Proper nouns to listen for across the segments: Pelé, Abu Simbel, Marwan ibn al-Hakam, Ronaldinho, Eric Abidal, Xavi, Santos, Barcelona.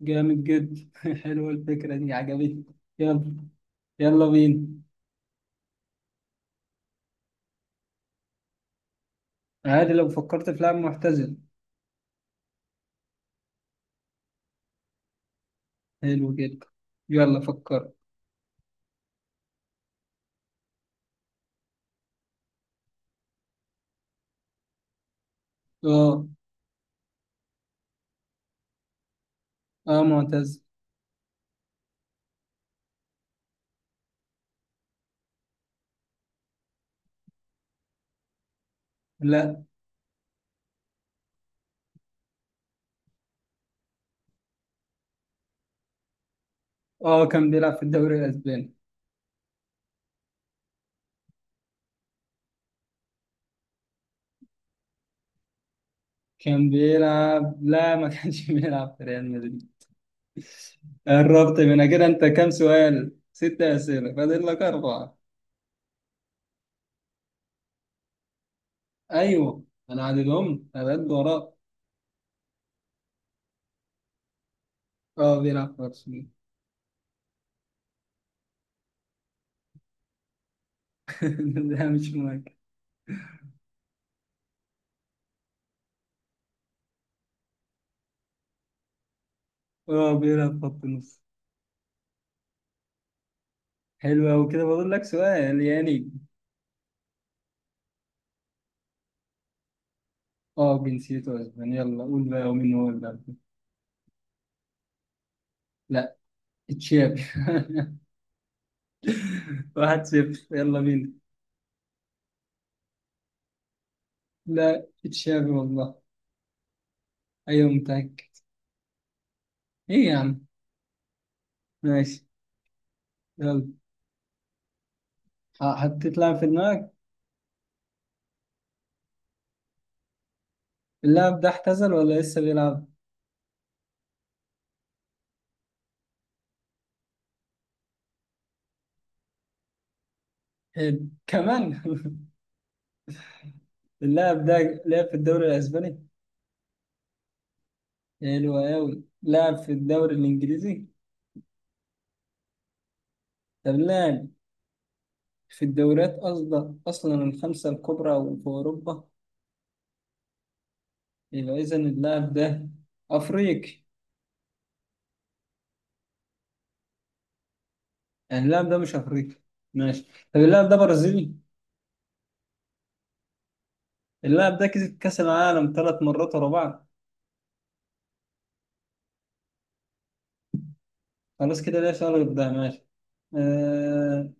جامد جدا حلوة الفكرة دي عجبتني. يلا، يلا بينا. عادي لو فكرت في لاعب معتزل. حلو جدا، يلا فكر. اه. اه معتزل. لا. اه كان بيلعب في الدوري الأسباني. كان بيلعب لا ما كانش بيلعب في ريال مدريد. قربت من كده، انت كام سؤال؟ ستة أسئلة، فاضل لك أربعة. أيوه أنا عددهم، أنا قد وراك. اه بيلعب في أرسنال. لا مش مهم. اه بيلعب خط نص. حلو أوي كده، بقول لك سؤال يعني. اه جنسيته اسباني، يلا قول بقى، ومين هو اللي قبله؟ لا. تشافي. 1-0، يلا بينا. لا تشافي والله. ايوه متأكد. ايه يا عم. ماشي. يلا. حطيت لاعب في دماغك. اللاعب ده اعتزل ولا لسه بيلعب؟ حلو كمان اللاعب ده لعب في الدوري الاسباني؟ حلو أوي، لعب في الدوري الانجليزي؟ طب لعب في الدوريات أصلا الخمسة الكبرى وفي أوروبا؟ يبقى إذا اللاعب ده أفريقي. يعني اللاعب ده مش أفريقي. ماشي. طب اللاعب ده برازيلي. اللاعب ده كسب كأس العالم 3 مرات ورا بعض. خلاص كده، ليه شغل ده؟ ماشي. آه...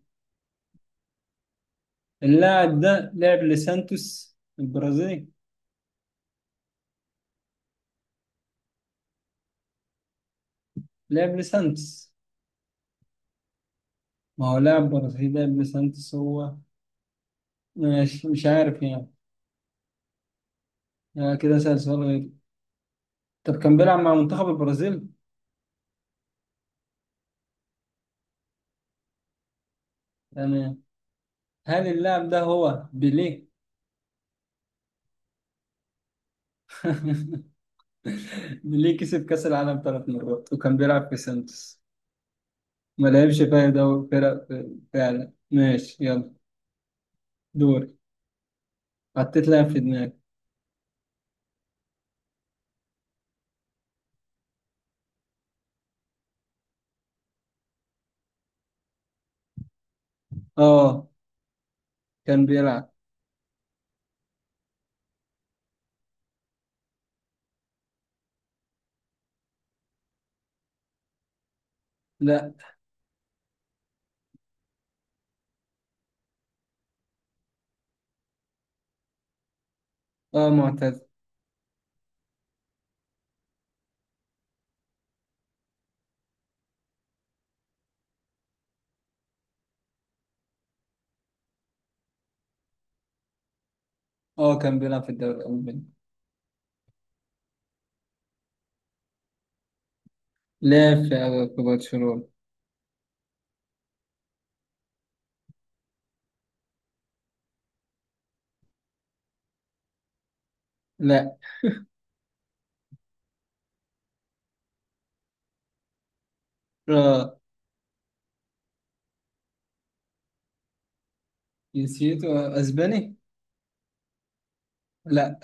اللاعب ده لعب لسانتوس البرازيلي. لعب لسانتوس. ما هو لاعب برازيلي، لعب لسانتوس هو. ماشي، مش عارف يعني. آه كده، سأل سؤال غير. طب كان بيلعب مع منتخب البرازيل. يعني هل اللاعب ده هو بيليه؟ ليه كسب كأس العالم ثلاث مرات وكان بيلعب في سانتوس. ما لعبش بقى دوري فرق. فعلا، ماشي، يلا. دوري. حطيت لاعب في دماغي. اه كان بيلعب. لا اه معتز. اه كان بيلعب في الدوري الألماني. لعب في برشلونة. لا. اه جنسيته أسباني. لا.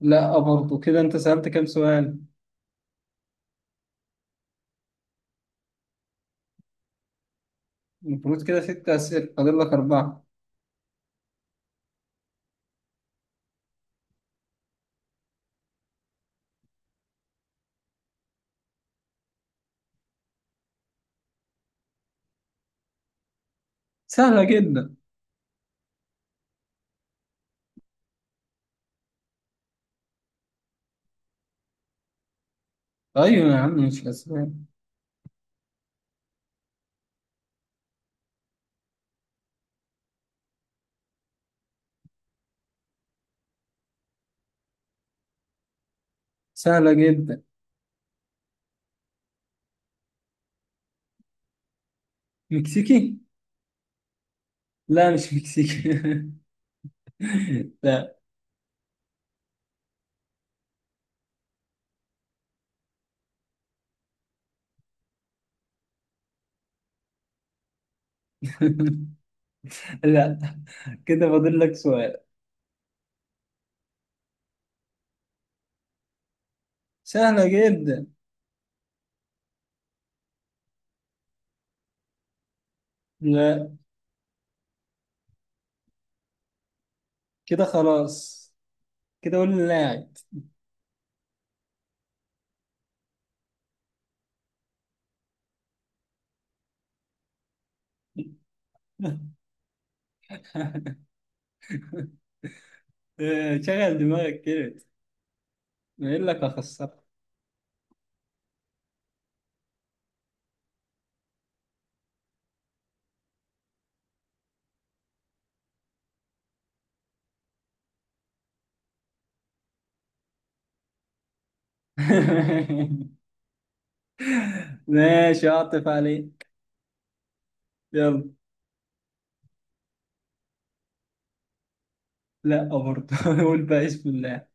لا برضه كده أنت سألت كام سؤال. المفروض كده ست أسئلة، فاضل لك أربعة. سهلة جدا. أيوة يا عم مش أسباني. سهلة جدا. مكسيكي. لا مش مكسيك. لا لا كده فاضل لك سؤال. سهلة جدا. لا كده خلاص، كده قول اللاعب. شغل دماغك كده، ما يقول لك اخسرك. ماشي اعطف عليك، يلا. لا برضه قول بقى اسم اللاعب.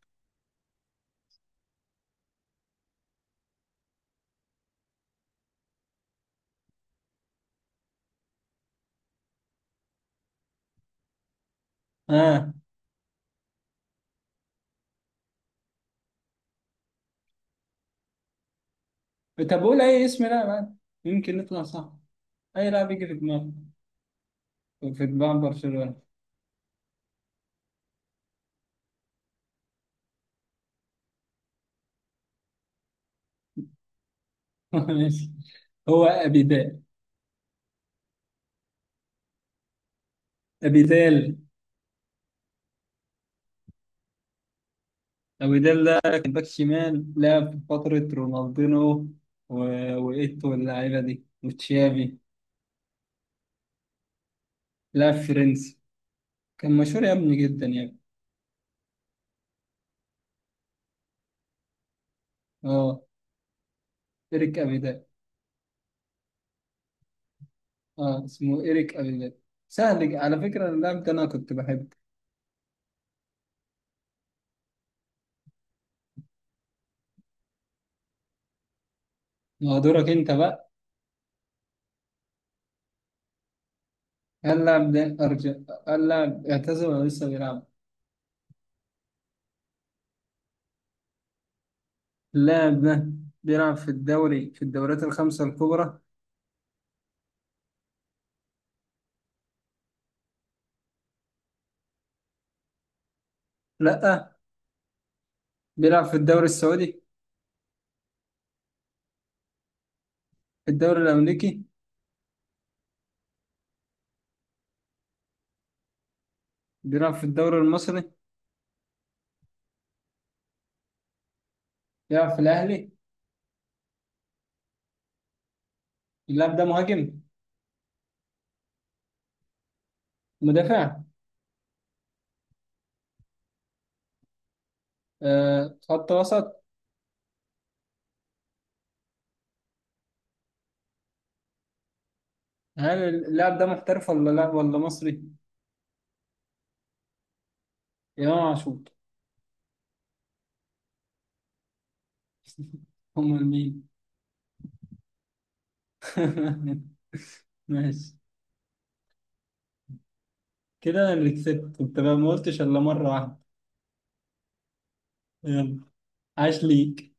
اه. طب قول اي اسم لاعب عادي. يمكن نطلع صح. اي لاعب يجي في دماغك، في دماغ برشلونة. ماشي. هو ابيدال. ابيدال. أبيدال ده كان باك شمال، لعب في فترة رونالدينو و... وإيتو واللعيبة دي وتشافي. لعب فرنسي، كان مشهور يا ابني، جدا يا ابني. اه إيريك أبيدال. اه اسمه إيريك أبيدال. سهل على فكرة، اللاعب ده أنا كنت بحبه. ما هو دورك أنت بقى. هل اللاعب ده أرجع، هل اللاعب اعتزل ولا لسه بيلعب؟ اللاعب ده بيلعب في الدوريات الخمسة الكبرى؟ لأ. بيلعب في الدوري السعودي. في الدوري الأمريكي. بيلعب في الدوري المصري. بيلعب في الأهلي. اللاعب ده مهاجم. مدافع. خط وسط. هل اللاعب ده محترف ولا لا، ولا مصري؟ امام عاشور. امال مين؟ ماشي. كده انا اللي كسبت، انت بقى ما قلتش الا مره واحده. يلا. عاش ليك.